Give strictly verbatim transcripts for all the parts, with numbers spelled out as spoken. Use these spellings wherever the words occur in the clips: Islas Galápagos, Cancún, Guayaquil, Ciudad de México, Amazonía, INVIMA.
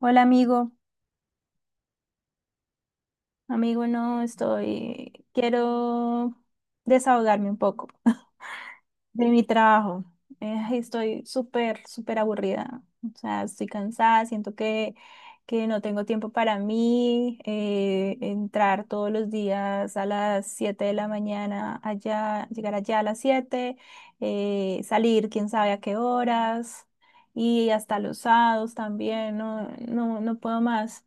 Hola amigo, amigo, no estoy, quiero desahogarme un poco de mi trabajo. Eh, estoy súper, súper aburrida. O sea, estoy cansada, siento que, que no tengo tiempo para mí. Eh, entrar todos los días a las siete de la mañana allá, llegar allá a las siete eh, salir quién sabe a qué horas y hasta los sábados también, no, no, no puedo más.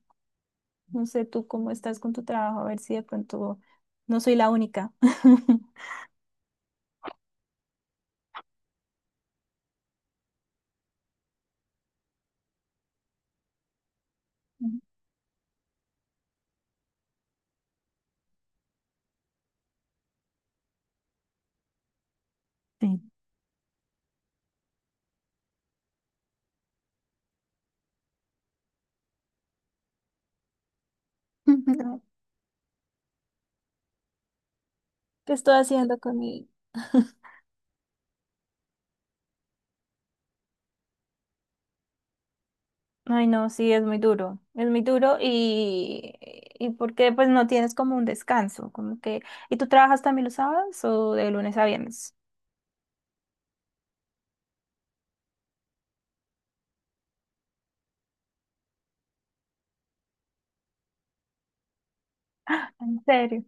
No sé tú cómo estás con tu trabajo, a ver si de pronto no soy la única. Sí. ¿Qué estoy haciendo con mi... Ay, no, sí, es muy duro, es muy duro y, y porque pues no tienes como un descanso, como que... ¿Y tú trabajas también los sábados o de lunes a viernes? En serio.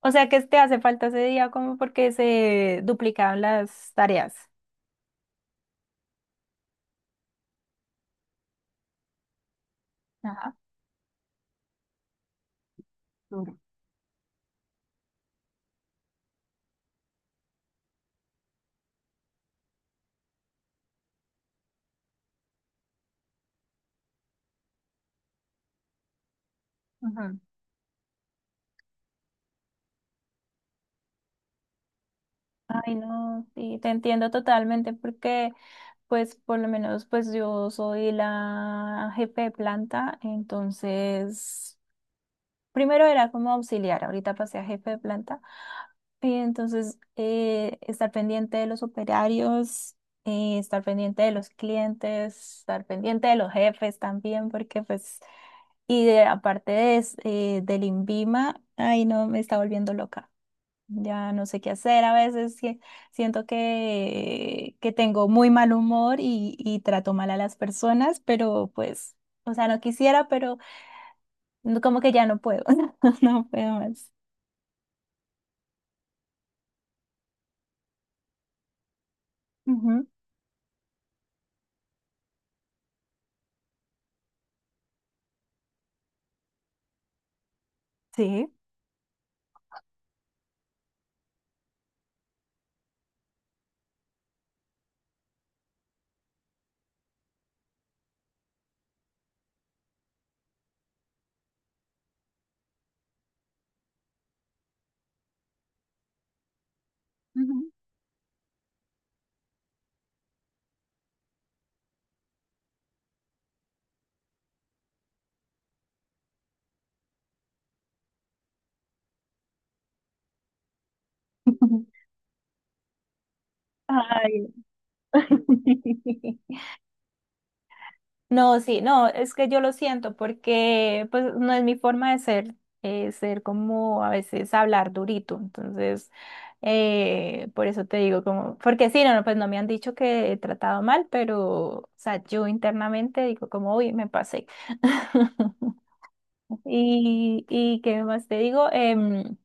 O sea que te hace falta ese día como porque se duplicaban las tareas. Ajá. Duro. Ujú. Ay, no, sí, te entiendo totalmente porque pues por lo menos pues yo soy la jefe de planta, entonces primero era como auxiliar, ahorita pasé a jefe de planta, y entonces eh, estar pendiente de los operarios, eh, estar pendiente de los clientes, estar pendiente de los jefes también, porque pues, y de- aparte de, es- eh, del INVIMA, ay no, me está volviendo loca. Ya no sé qué hacer, a veces que siento que, que tengo muy mal humor y, y trato mal a las personas, pero pues, o sea, no quisiera, pero no- como que ya no puedo, no puedo más. Ujú. Sí. Ujú. Ay. No, sí, no, es que yo lo siento porque pues no es mi forma de ser, eh, ser como a veces hablar durito, entonces eh, por eso te digo como, porque sí, no, no, pues no me han dicho que he tratado mal, pero o sea, yo internamente digo como, uy, me pasé. Y, y qué más te digo. Em,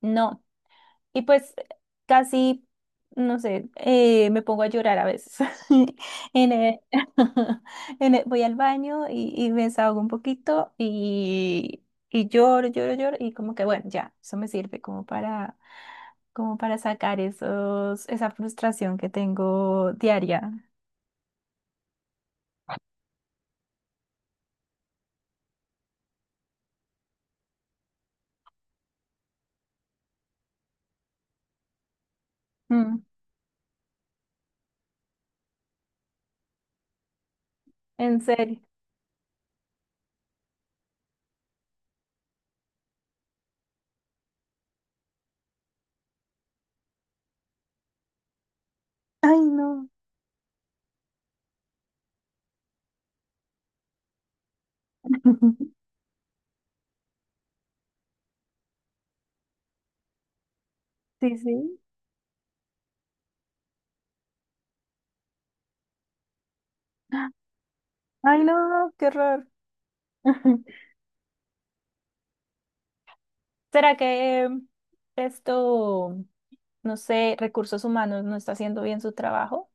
No. Y pues casi, no sé, eh, me pongo a llorar a veces. En el- en el- voy al baño y, y me desahogo un poquito y, y lloro, lloro, lloro y como que bueno, ya, eso me sirve como para, como para sacar esos, esa frustración que tengo diaria. Mm, en serio. Ay, no. Sí, sí. Ay, no, qué horror. ¿Será que esto... no sé, recursos humanos no está haciendo bien su trabajo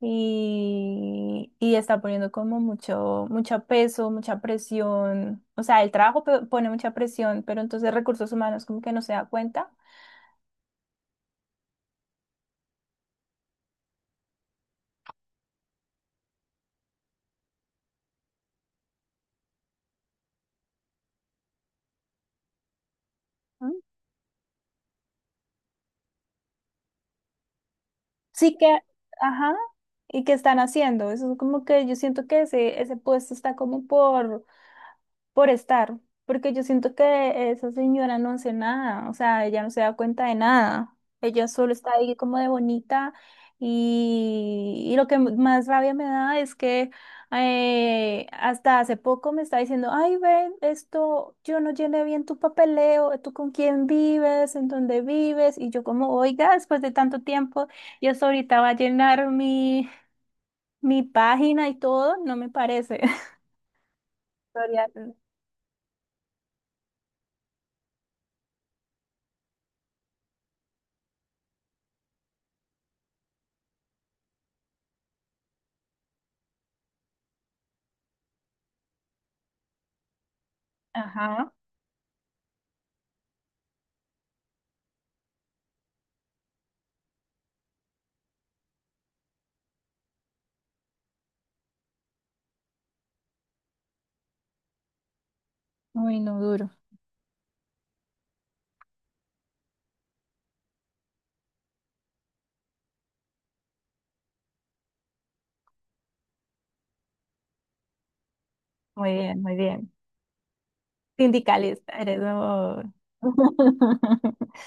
y, y está poniendo como mucho, mucho peso, mucha presión. O sea, el trabajo pe- pone mucha presión, pero entonces recursos humanos como que no se da cuenta. ¿Mm? Sí que, ajá, y qué están haciendo. Eso es como que yo siento que ese, ese puesto está como por por estar, porque yo siento que esa señora no hace nada, o sea, ella no se da cuenta de nada, ella solo está ahí como de bonita y, y lo que m- más rabia me da es que eh, hasta hace poco me está diciendo, ay, ven, esto, yo no llené bien tu papeleo, tú con quién vives, en dónde vives, y yo como, oiga, después de tanto tiempo, yo hasta ahorita va a llenar mi, mi página y todo, no me parece. Gloria, ajá, uy, no duro. Muy bien, muy bien. Sindicalista, eres muy-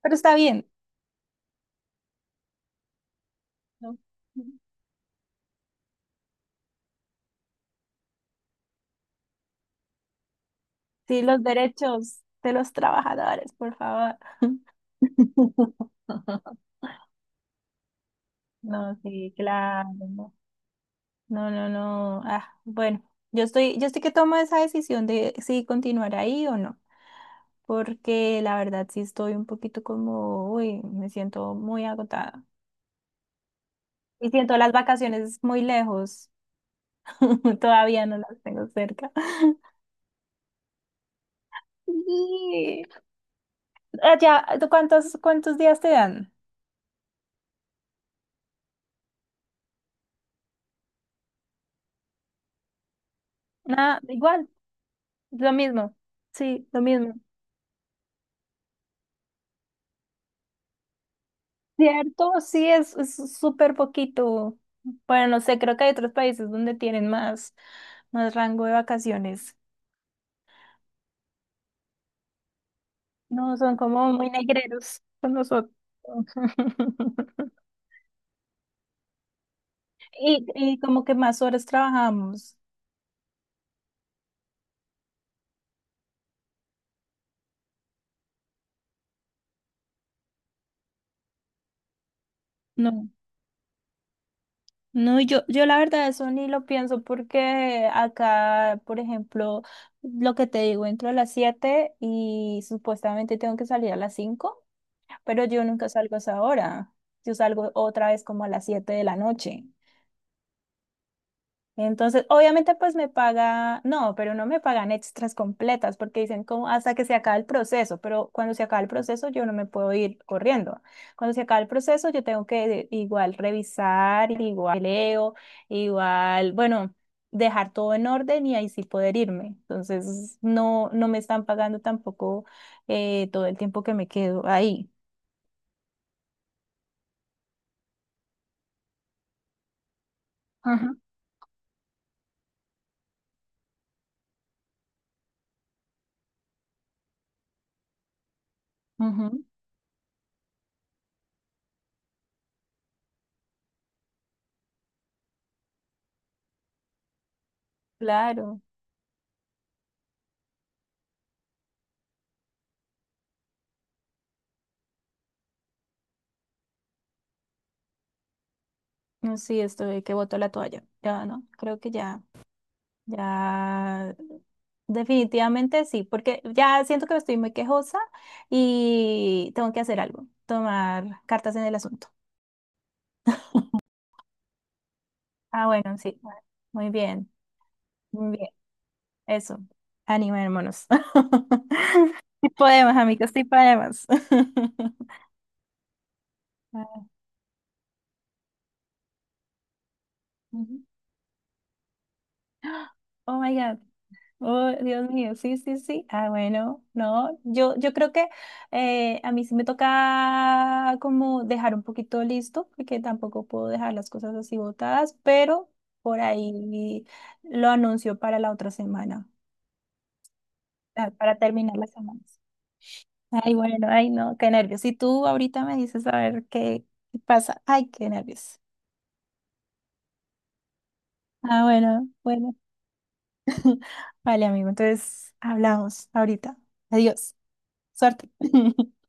Pero está bien, ¿no? Sí, los derechos de los trabajadores, por favor. No, sí, claro. No, no, no, no. Ah, bueno, yo estoy, yo estoy que tomo esa decisión de si continuar ahí o no. Porque la verdad sí estoy un poquito como, uy, me siento muy agotada. Y siento las vacaciones muy lejos. Todavía no las tengo cerca. Sí. Allá, ¿tú cuántos, cuántos días te dan? Nada, igual, lo mismo, sí, lo mismo. ¿Cierto? Sí, es es súper poquito. Bueno, no sé, creo que hay otros países donde tienen más, más rango de vacaciones. No, son como muy negreros con nosotros. Y, y como que más horas trabajamos. No. No, yo, yo la verdad eso ni lo pienso porque acá, por ejemplo, lo que te digo, entro a las siete y supuestamente tengo que salir a las cinco pero yo nunca salgo a esa hora. Yo salgo otra vez como a las siete de la noche. Entonces, obviamente, pues me paga, no, pero no me pagan extras completas porque dicen como hasta que se acabe el proceso, pero cuando se acaba el proceso yo no me puedo ir corriendo. Cuando se acaba el proceso yo tengo que de- igual revisar, igual leo, igual, bueno, dejar todo en orden y ahí sí poder irme. Entonces, no, no me están pagando tampoco eh, todo el tiempo que me quedo ahí. Ajá. Ujú. Claro. No, sí, estoy que boto la toalla. Ya no, creo que ya. Ya, definitivamente sí, porque ya siento que estoy muy quejosa y tengo que hacer algo, tomar cartas en el asunto. Ah, bueno, sí, bueno, muy bien, muy bien, eso, animémonos. Sí podemos, amigos, sí podemos. Ah, ujú. Oh my God. Oh, Dios mío, sí, sí, sí. Ah, bueno, no, yo, yo creo que eh, a mí sí me toca como dejar un poquito listo, porque tampoco puedo dejar las cosas así botadas, pero por ahí lo anuncio para la otra semana, ah, para terminar las semanas. Ay, bueno, ay, no, qué nervios. Y tú ahorita me dices a ver qué qué pasa. Ay, qué nervios. Ah, bueno, bueno. Vale, amigo, entonces hablamos ahorita. Adiós. Suerte.